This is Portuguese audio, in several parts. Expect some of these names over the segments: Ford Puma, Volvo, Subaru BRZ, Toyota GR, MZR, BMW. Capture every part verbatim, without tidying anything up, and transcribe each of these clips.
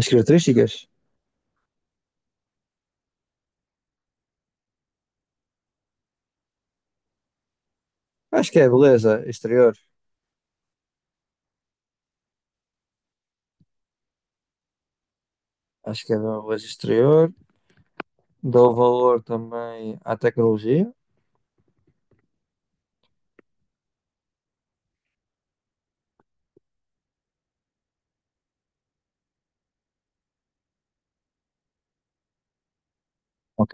As características? Acho que é a beleza exterior. Acho que é a beleza exterior. Dou valor também à tecnologia. Ok.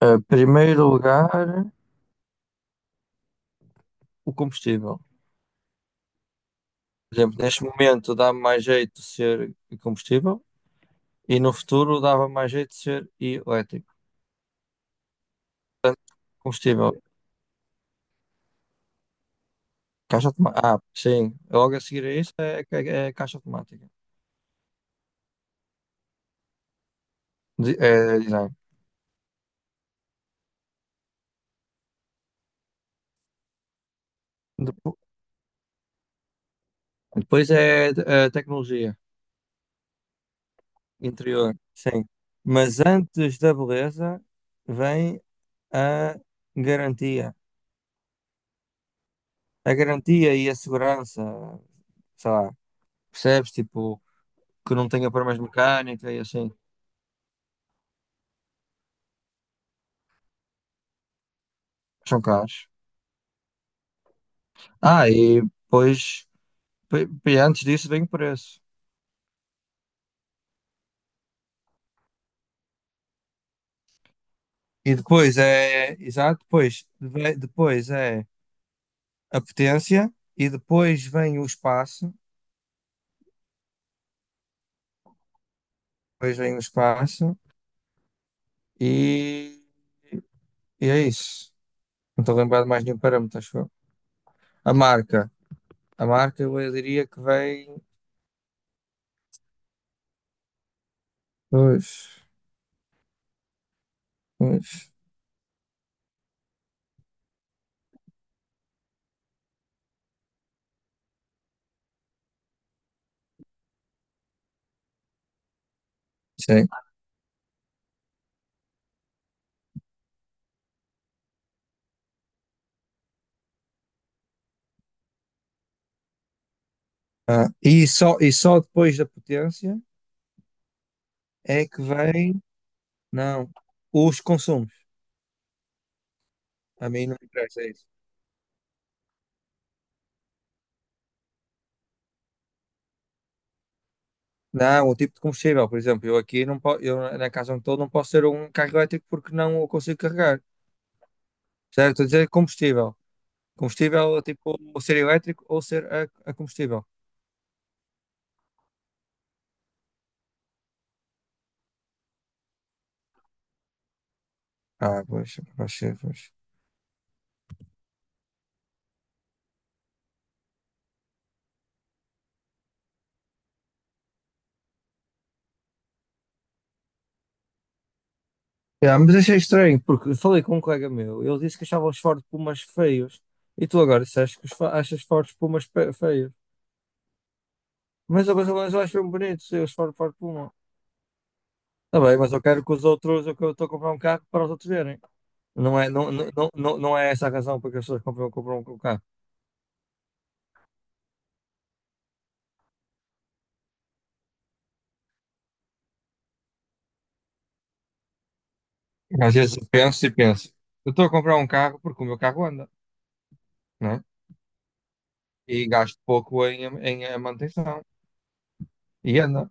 Em primeiro lugar, o combustível. Por exemplo, neste momento dá mais jeito de ser combustível e no futuro dava mais jeito de ser elétrico. Combustível, caixa automática. Ah, sim, logo a seguir a isso é, é- é caixa automática. De- é design. Depo- Depois é, é tecnologia. Interior, sim. Mas antes da beleza vem a garantia. A garantia e a segurança, sei lá, percebes? Tipo, que não tenha problemas de mecânica e assim. São caros. Ah, e depois, pe- pe- antes disso vem o preço. E depois é, exato, depois, ve- depois é a potência e depois vem o espaço. Depois vem o espaço e, e é isso. Não estou a lembrar de mais nenhum parâmetro, acho eu. A marca. A marca, eu diria que vem. Pois, pois. Sim. Ah, e só, e só depois da potência é que vem. Não. Os consumos. A mim não me interessa isso. Não, o tipo de combustível, por exemplo, eu aqui não posso, eu na casa onde estou não posso ter um carro elétrico porque não o consigo carregar. Certo? Estou a dizer combustível. Combustível, tipo, ou ser elétrico ou ser a, a combustível. Ah, pois, pois, pois. Yeah, mas achei estranho, porque falei com um colega meu, ele disse que achava os Ford Pumas feios, e tu agora disseste que os fa- achas Ford Pumas pe- feios. Mas, eu- mas, eu- mas eu acho bem bonitos eu, os Ford, Ford Puma. Tá bem, mas eu quero que os outros, eu que- eu estou a comprar um carro para os outros verem. Não é, não, não, não, não não é essa a razão porque as pessoas compram, compram um carro. Às vezes eu penso e penso, eu estou a comprar um carro porque o meu carro anda, né? E gasto pouco em, em, em manutenção. Ia, não.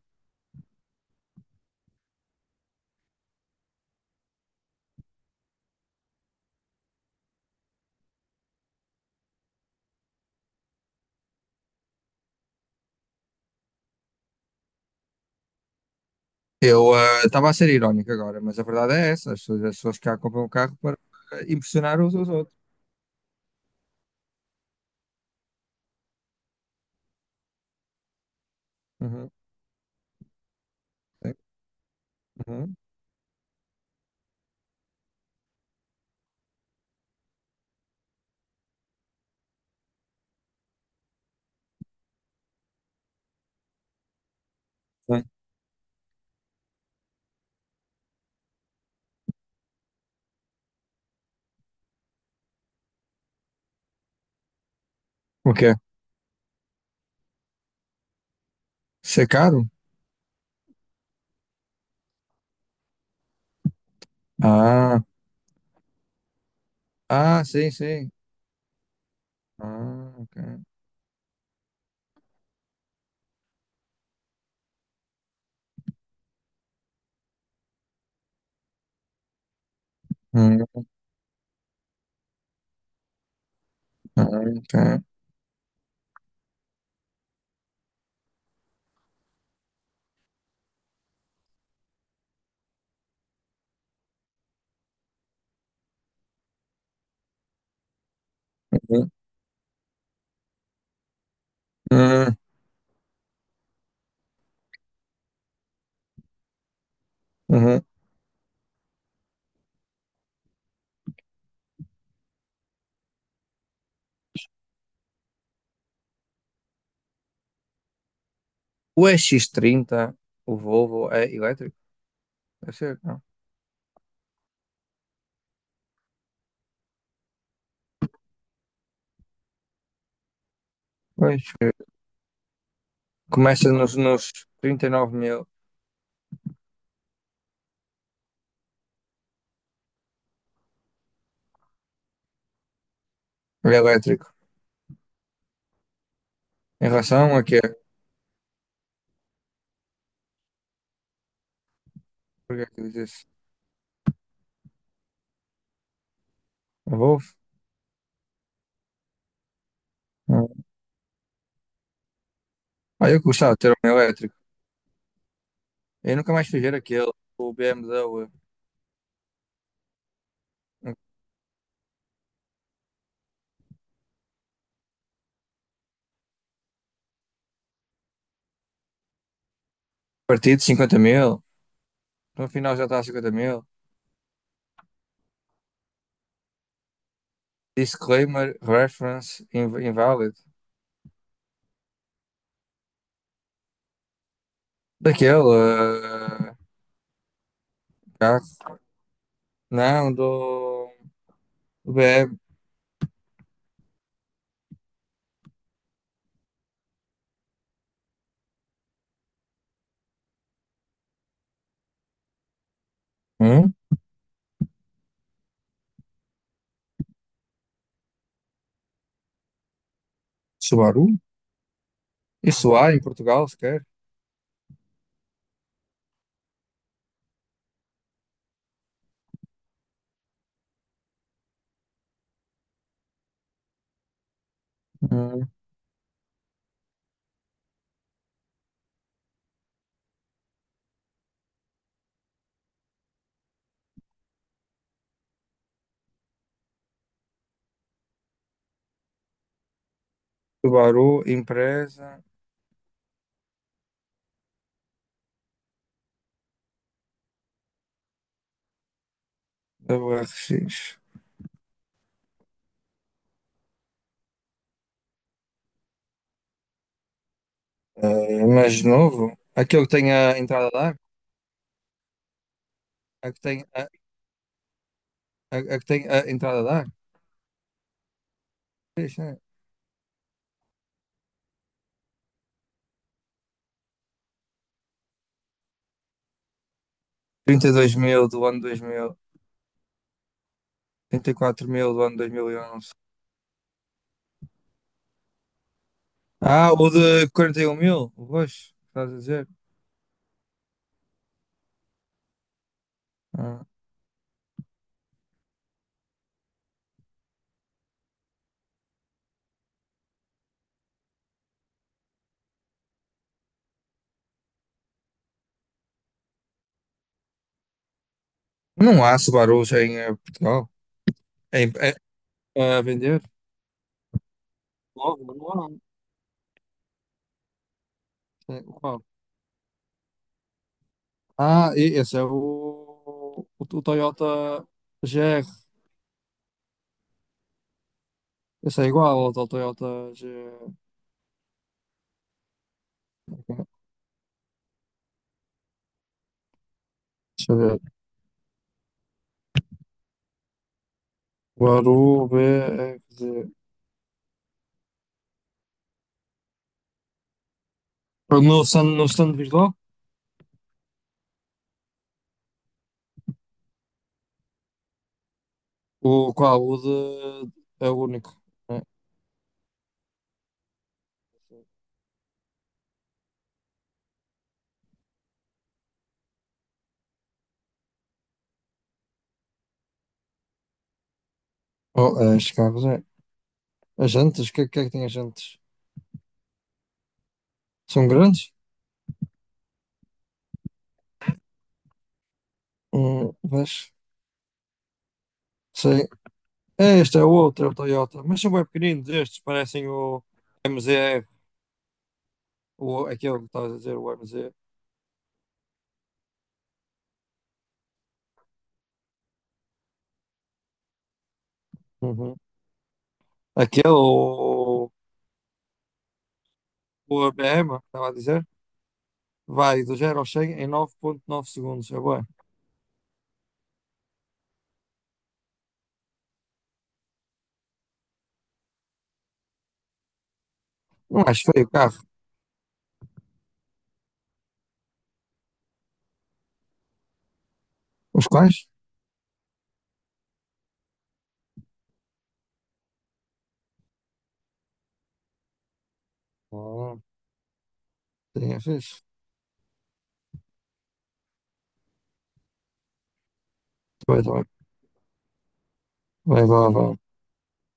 Eu eh, estava a ser irónico agora, mas a verdade é essa. As pessoas, as pessoas cá compram um carro para eh, impressionar uns aos outros. Uhum, sim, uhum, sim. O quê? Ser caro? Ah, ah, sim, sim. Ah, ok. Hum, ah, ok. Uhum, uhum, uhum. O E X trinta, o Volvo, é elétrico? Deve ser, não. Pois. Começa nos, nos trinta e nove mil elétrico. Em relação a quê? Por que é que diz isso? A Volvo? Não. Ah, eu gostava de ter um elétrico. Eu nunca mais fui ver aquele, o B M W, um partido de cinquenta mil. No final já está a cinquenta mil. Disclaimer, reference, inv- invalid. Daquele eh, carro. Não, do, do B M. Hum? Subaru? Isso há em Portugal, sequer? Hum. Subaru, empresa, WRX. Eh, mas de novo, aquele que tem a entrada a dar, a que tem a, a, a que tem a entrada a dar, fixe, né? trinta e dois mil do ano dois mil, trinta e quatro mil do ano dois mil e onze. Ah, o de quarenta e um mil, o roxo, estás a dizer? Ah. Não há Subarus em eh, Portugal em, eh, a vender. Novo, não há. É, qual? Ah, e- esse é o, o, o Toyota G R. Esse é igual ao do Toyota G R. Deixa eu ver. Baru B R Z. No stand, no stand visual? O qual? O de. É o único. Né? Oh, as carros, é. As jantas? O que, é- que é que tem as jantas? São grandes? Hum, vês? Sei. É, este é o outro, é o Toyota. Mas são bem pequeninos estes, parecem o m MZR. O, aquele que estavas a dizer, o M Z. Uhum. Aquele, o, o, A B M, estava a dizer, vai do zero ao cem em nove vírgula nove segundos. É bom. Não acho feio o carro. Os quais? Ah, sim, é fixe. Vai, vai. Vai, vai, vai.